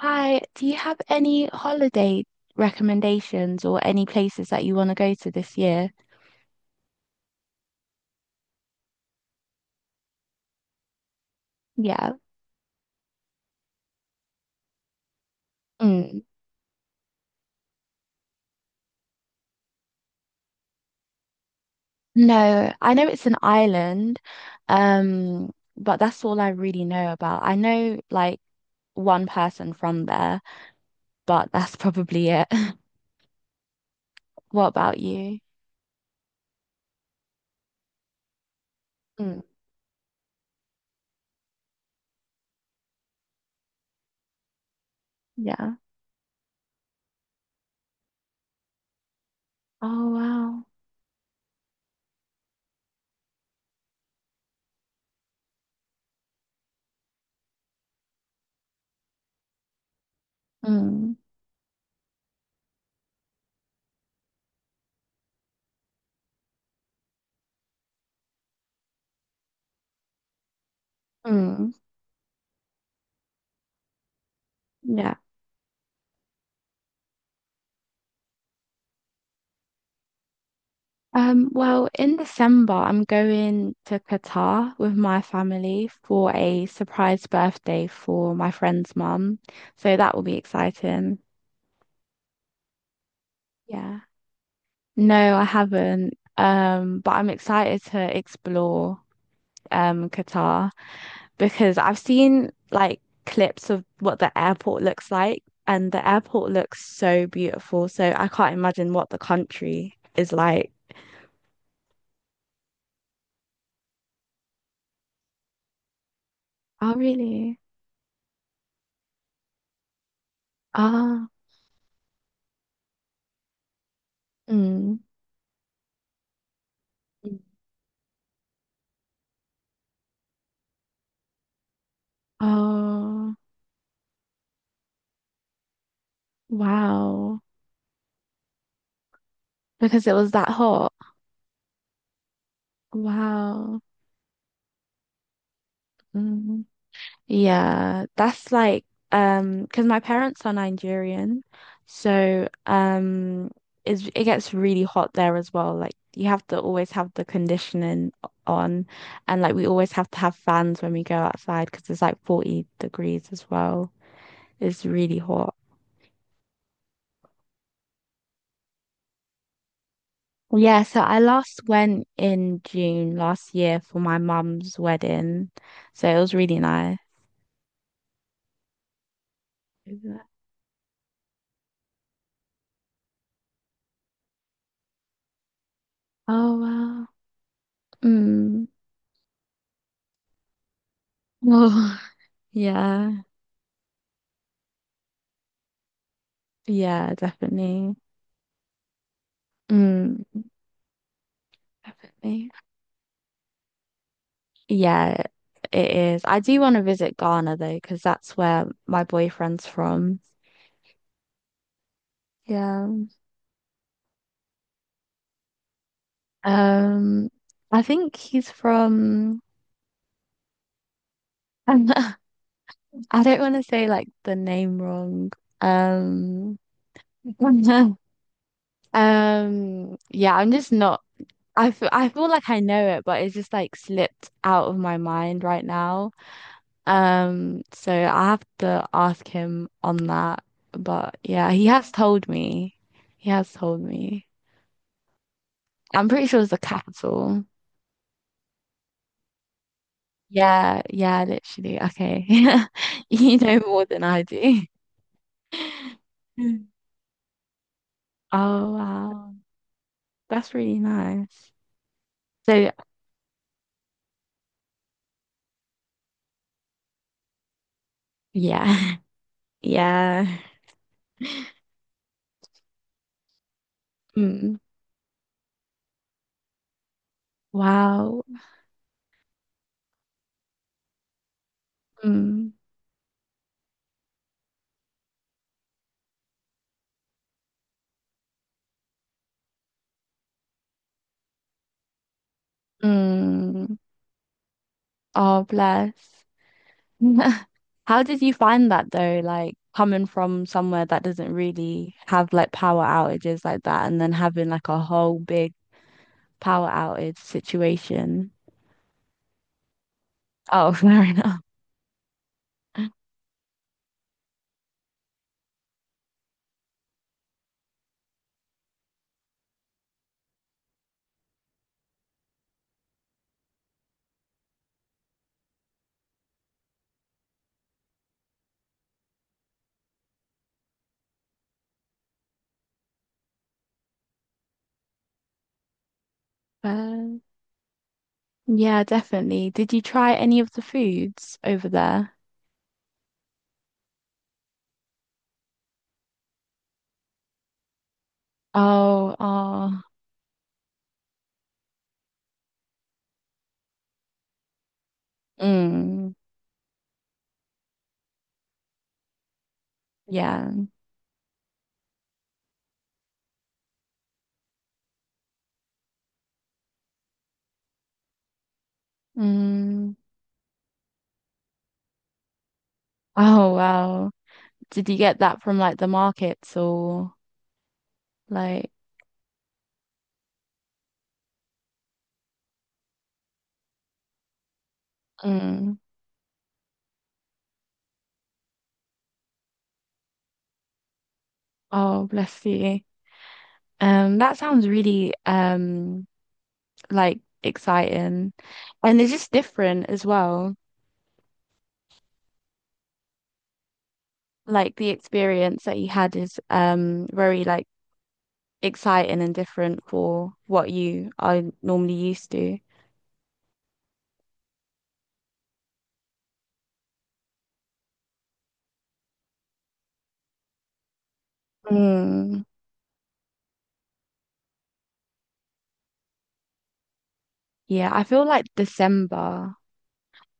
Hi, do you have any holiday recommendations or any places that you want to go to this year? Yeah. Mm. No, I know it's an island, um, but that's all I really know about. I know like one person from there, but that's probably it. What about you? Mm. Yeah. Oh, wow. Mm. Mm. Yeah. Well, in December, I'm going to Qatar with my family for a surprise birthday for my friend's mum. So that will be exciting. Yeah. No, I haven't. But I'm excited to explore Qatar because I've seen like clips of what the airport looks like, and the airport looks so beautiful. So I can't imagine what the country is like. Oh, really? Ah, mm. Oh, wow. Because it was that hot. Wow. Mm. Yeah, that's like because my parents are Nigerian. So it gets really hot there as well. Like you have to always have the conditioning on, and like we always have to have fans when we go outside because it's like 40 degrees as well. It's really hot. Yeah, so I last went in June last year for my mum's wedding. So it was really nice. Oh wow. Mm. Oh yeah. Yeah, definitely. Mm. Definitely. Yeah, it is. I do want to visit Ghana though, because that's where my boyfriend's from. Yeah. Um, I think he's from I don't want to say like the name wrong. Um yeah, I'm just not. I feel like I know it, but it's just like slipped out of my mind right now. So I have to ask him on that. But yeah, he has told me. He has told me. I'm pretty sure it's the capital. Yeah, yeah, literally. Okay. You know more than I do. Oh, wow. That's really nice. So, yeah. Yeah. Mm. Wow. Mm, mm. Oh, bless. How did you find that though? Like coming from somewhere that doesn't really have like power outages like that, and then having like a whole big power outage situation. Oh, fair enough. Well, yeah, definitely. Did you try any of the foods over there? Oh, oh. Mm. Yeah. Mm. Oh, wow. Did you get that from like the markets or like, mm. Oh, bless you. That sounds really like exciting. And it's just different as well. Like the experience that you had is very like exciting and different for what you are normally used to. Mm. Yeah, I feel like December.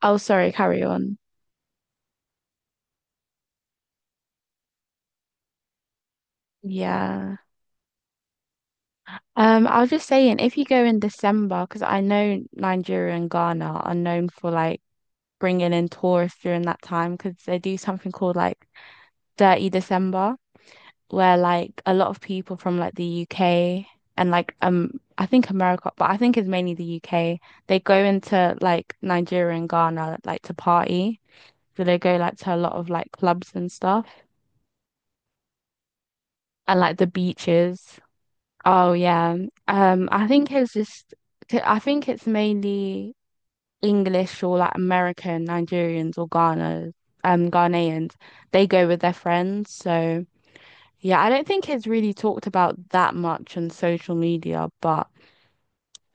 Oh, sorry, carry on. Yeah. I was just saying, if you go in December, because I know Nigeria and Ghana are known for like bringing in tourists during that time, because they do something called like Dirty December, where like a lot of people from like the UK and like I think America, but I think it's mainly the UK. They go into like Nigeria and Ghana like to party, so they go like to a lot of like clubs and stuff, and like the beaches. Oh yeah, I think it's just. I think it's mainly. English or like American, Nigerians or Ghana, Ghanaians, they go with their friends. So yeah, I don't think it's really talked about that much on social media, but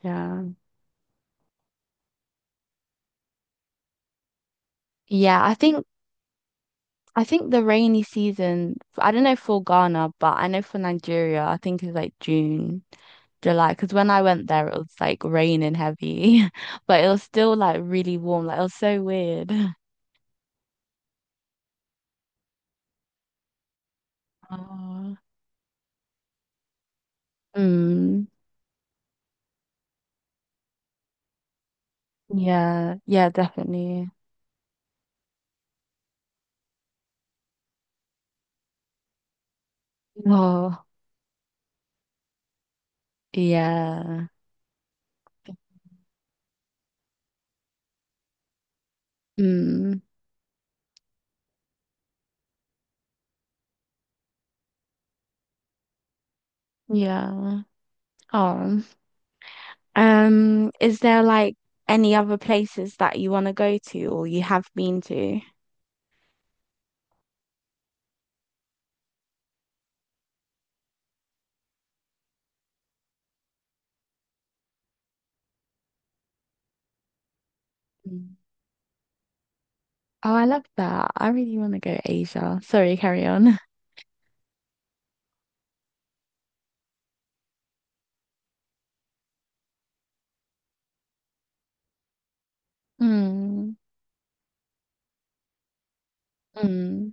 yeah. Yeah, I think the rainy season, I don't know for Ghana, but I know for Nigeria, I think it's like June, July. Because when I went there, it was like raining heavy, but it was still like really warm. Like it was so weird. Oh. Mm, yeah, yeah, definitely. Oh, yeah. Mm, yeah. Oh. Is there like any other places that you want to go to or you have been to? Mm. Oh, I love that. I really want to go Asia. Sorry, carry on. Mm, mm,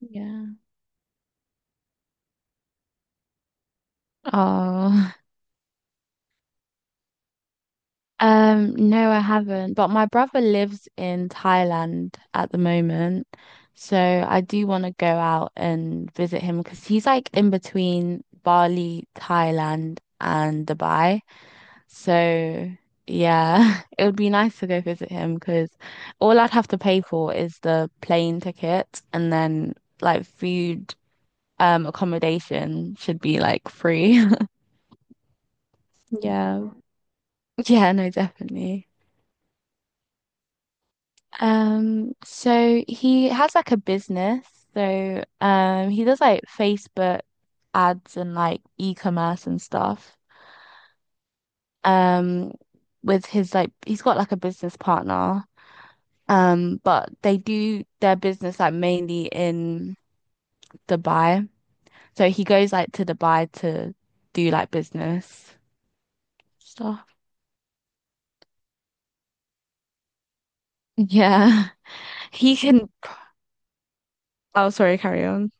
yeah. Oh. No, I haven't. But my brother lives in Thailand at the moment. So I do want to go out and visit him because he's like in between Bali, Thailand, and Dubai. So yeah, it would be nice to go visit him because all I'd have to pay for is the plane ticket and then like food, accommodation should be like free. Yeah. Yeah, no, definitely. So he has like a business. So he does like Facebook ads and like e-commerce and stuff. Um with his like he's got like a business partner. But they do their business like mainly in Dubai. So he goes like to Dubai to do like business stuff. Yeah. He can Oh, sorry, carry on.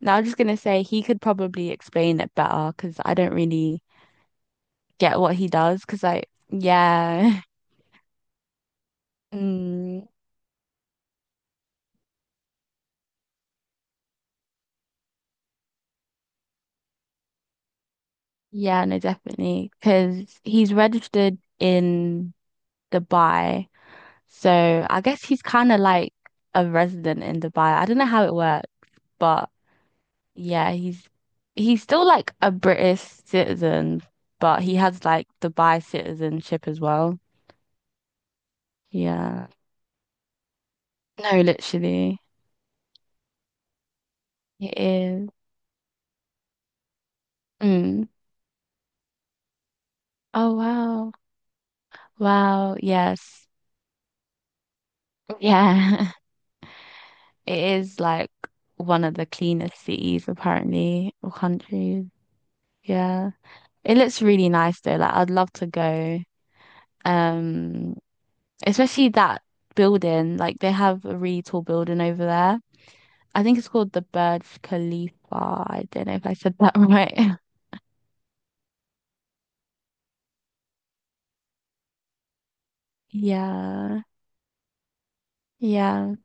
Now I'm just gonna say he could probably explain it better because I don't really get what he does, because like yeah. Mm, yeah, no, definitely, because he's registered in Dubai, so I guess he's kind of like a resident in Dubai. I don't know how it works, but yeah, he's still like a British citizen, but he has like Dubai citizenship as well. Yeah, no, literally, it is. Mm. Oh wow. Wow, yes, yeah. It is like one of the cleanest cities, apparently, or countries. Yeah. It looks really nice though. Like I'd love to go. Um, Especially that building. Like they have a really tall building over there. I think it's called the Burj Khalifa. I don't know if I said that right. Yeah. Yeah.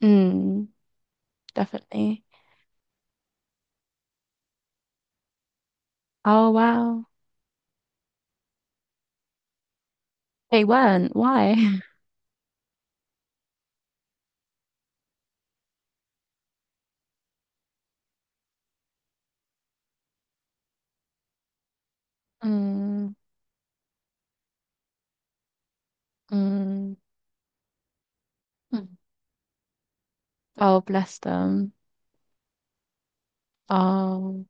Mm, definitely. Oh wow. They weren't. Why? Mm, mm. Mm. Oh, bless them. Oh.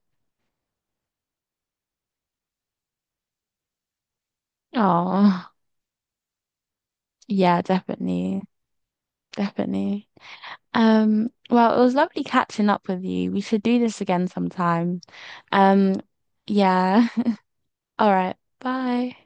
Oh, yeah, definitely. Definitely. Well, it was lovely catching up with you. We should do this again sometime. Um, yeah. All right. Bye.